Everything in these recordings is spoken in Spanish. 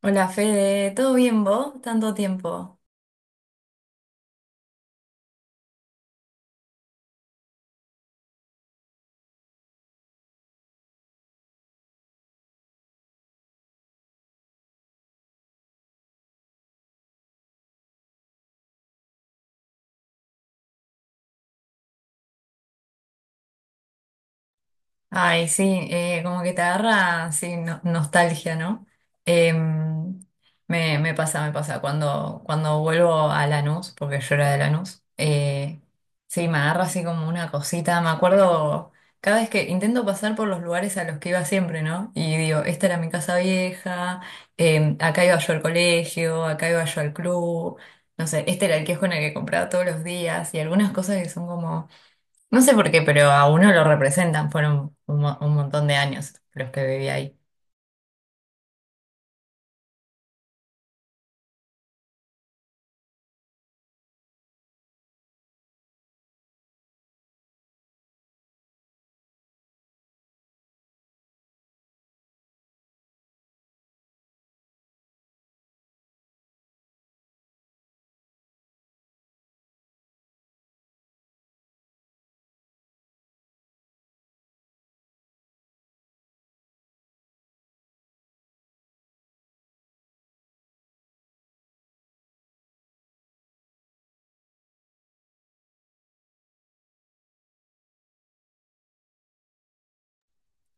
Hola Fede, ¿todo bien vos? Tanto tiempo. Ay, sí, como que te agarra, sí, nostalgia, ¿no? Em, me pasa, me pasa. Cuando vuelvo a Lanús, porque yo era de Lanús, sí, me agarra así como una cosita. Me acuerdo cada vez que intento pasar por los lugares a los que iba siempre, ¿no? Y digo, esta era mi casa vieja, acá iba yo al colegio, acá iba yo al club. No sé, este era el kiosco en el que compraba todos los días y algunas cosas que son como. No sé por qué, pero a uno lo representan. Fueron un montón de años los que viví ahí.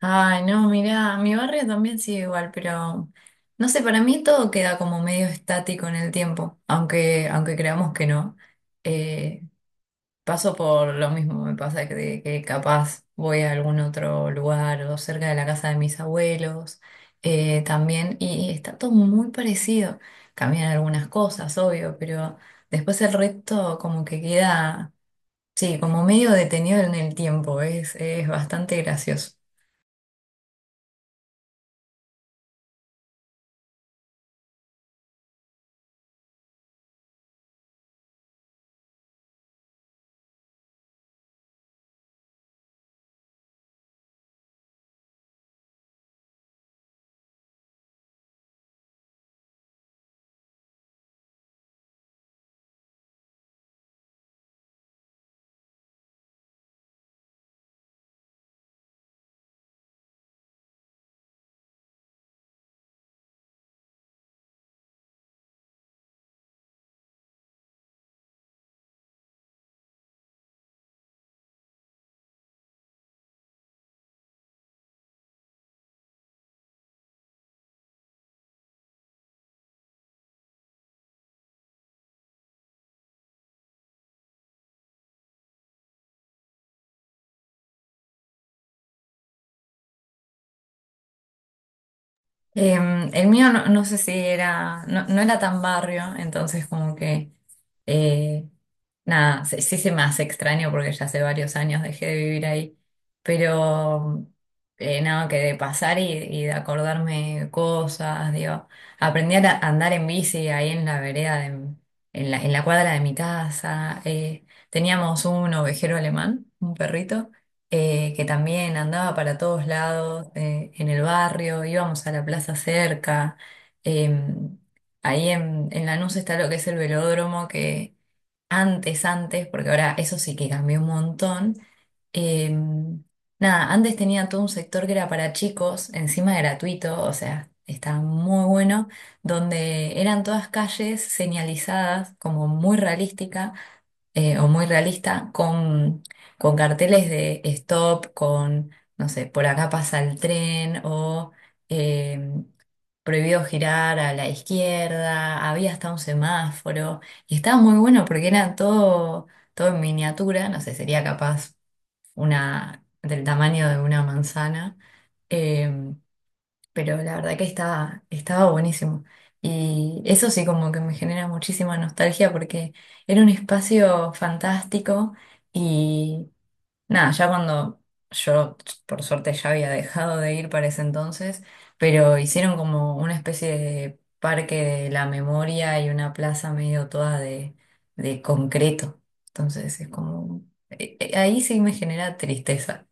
Ay, no, mirá, mi barrio también sigue igual, pero no sé, para mí todo queda como medio estático en el tiempo, aunque creamos que no. Eh, Paso por lo mismo, me pasa que, de que capaz voy a algún otro lugar o cerca de la casa de mis abuelos también, y está todo muy parecido. Cambian algunas cosas, obvio, pero después el resto como que queda. Sí, como medio detenido en el tiempo, es bastante gracioso. El mío no, no sé si era, no, no era tan barrio, entonces como que, eh, nada, sí, sí se me hace extraño porque ya hace varios años dejé de vivir ahí, pero nada, que de pasar y de acordarme cosas, digo, aprendí a andar en bici ahí en la vereda, en la cuadra de mi casa, teníamos un ovejero alemán, un perrito. Que también andaba para todos lados, en el barrio, íbamos a la plaza cerca. em, Ahí en Lanús está lo que es el velódromo, que antes, porque ahora eso sí que cambió un montón. em, Nada, antes tenía todo un sector que era para chicos, encima gratuito, o sea, estaba muy bueno, donde eran todas calles señalizadas, como muy realística o muy realista, con carteles de stop, con, no sé, por acá pasa el tren o eh, prohibido girar a la izquierda, había hasta un semáforo y estaba muy bueno porque era todo, todo en miniatura, no sé, sería capaz una del tamaño de una manzana. em, pero la verdad que estaba, estaba buenísimo. Y eso sí como que me genera muchísima nostalgia porque era un espacio fantástico y nada, ya cuando yo por suerte ya había dejado de ir para ese entonces, pero hicieron como una especie de parque de la memoria y una plaza medio toda de concreto. Entonces es como, ahí sí me genera tristeza.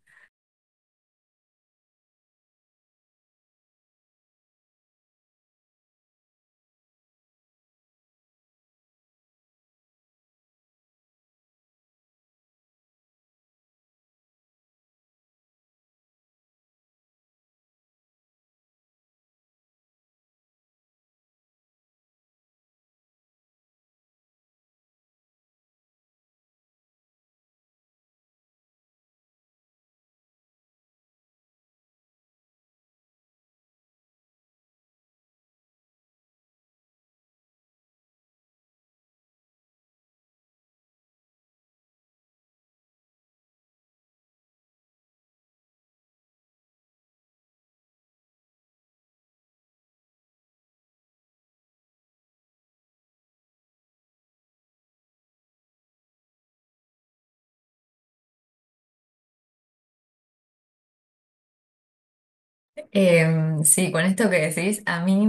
Sí, con esto que decís, a mí...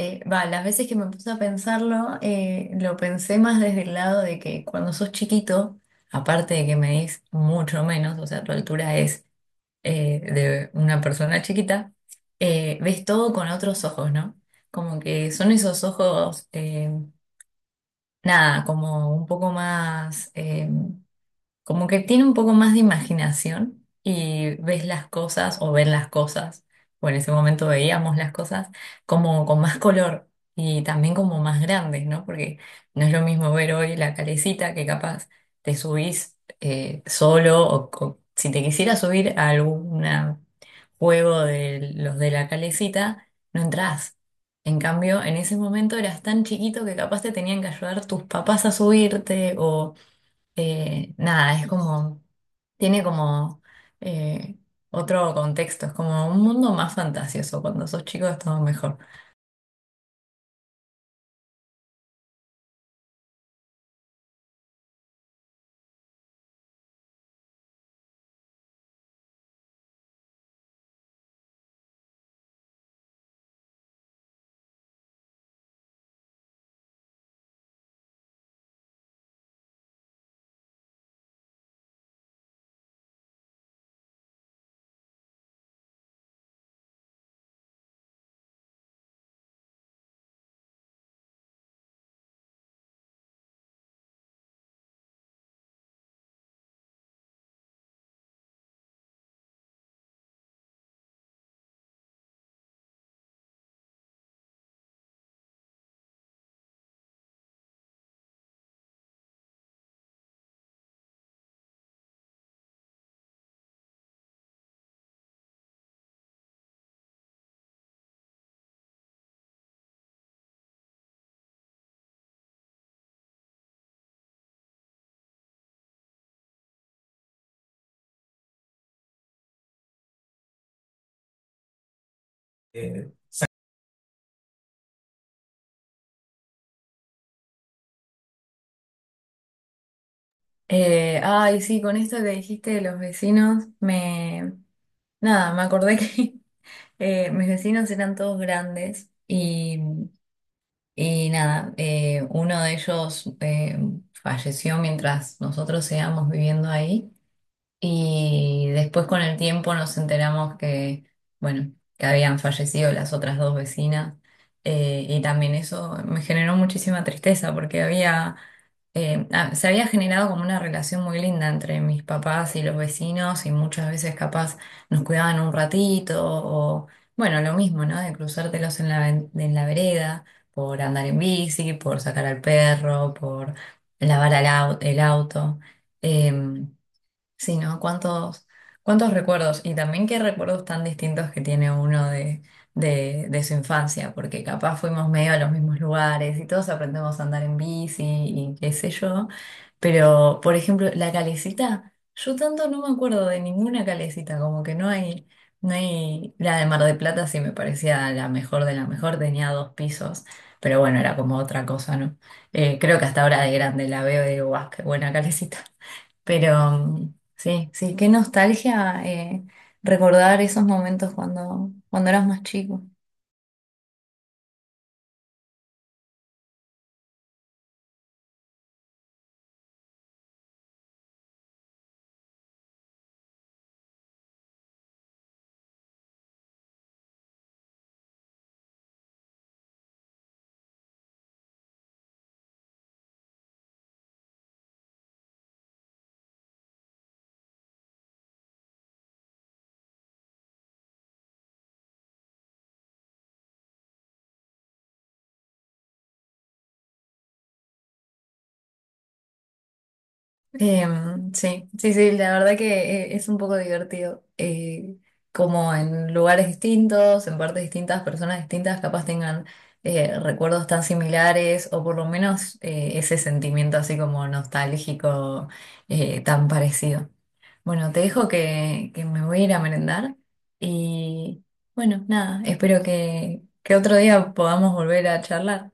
Va, las veces que me puse a pensarlo, lo pensé más desde el lado de que cuando sos chiquito, aparte de que medís mucho menos, o sea, tu altura es de una persona chiquita, ves todo con otros ojos, ¿no? Como que son esos ojos, nada, como un poco más como que tiene un poco más de imaginación y ves las cosas o ven las cosas, o en ese momento veíamos las cosas como con más color y también como más grandes, ¿no? Porque no es lo mismo ver hoy la calecita que capaz te subís solo o si te quisieras subir a algún juego de los de la calecita, no entrás. En cambio, en ese momento eras tan chiquito que capaz te tenían que ayudar tus papás a subirte o nada, es como, tiene como eh, otro contexto, es como un mundo más fantasioso. Cuando sos chico es todo mejor. Eh, ay, sí, con esto que dijiste de los vecinos, me... Nada, me acordé que mis vecinos eran todos grandes y nada, uno de ellos falleció mientras nosotros íbamos viviendo ahí. Y después con el tiempo nos enteramos que, bueno, que habían fallecido las otras dos vecinas. Y también eso me generó muchísima tristeza porque había, se había generado como una relación muy linda entre mis papás y los vecinos y muchas veces capaz nos cuidaban un ratito o, bueno, lo mismo, ¿no? De cruzártelos en en la vereda por andar en bici, por sacar al perro, por lavar el auto. em, Sí, ¿no? ¿Cuántos, cuántos recuerdos? Y también qué recuerdos tan distintos que tiene uno de su infancia, porque capaz fuimos medio a los mismos lugares y todos aprendemos a andar en bici y qué sé yo. Pero, por ejemplo, la calecita, yo tanto no me acuerdo de ninguna calecita, como que no hay, no hay, la de Mar de Plata sí me parecía la mejor de la mejor, tenía dos pisos, pero bueno, era como otra cosa, ¿no? Creo que hasta ahora de grande la veo y digo, guau, qué buena calecita. Pero mm, sí, sí, qué nostalgia recordar esos momentos cuando, cuando eras más chico. Sí, sí, sí, la verdad que es un poco divertido. Como en lugares distintos, en partes distintas, personas distintas, capaz tengan recuerdos tan similares o por lo menos ese sentimiento así como nostálgico tan parecido. Bueno, te dejo que me voy a ir a merendar y bueno, nada, espero que otro día podamos volver a charlar.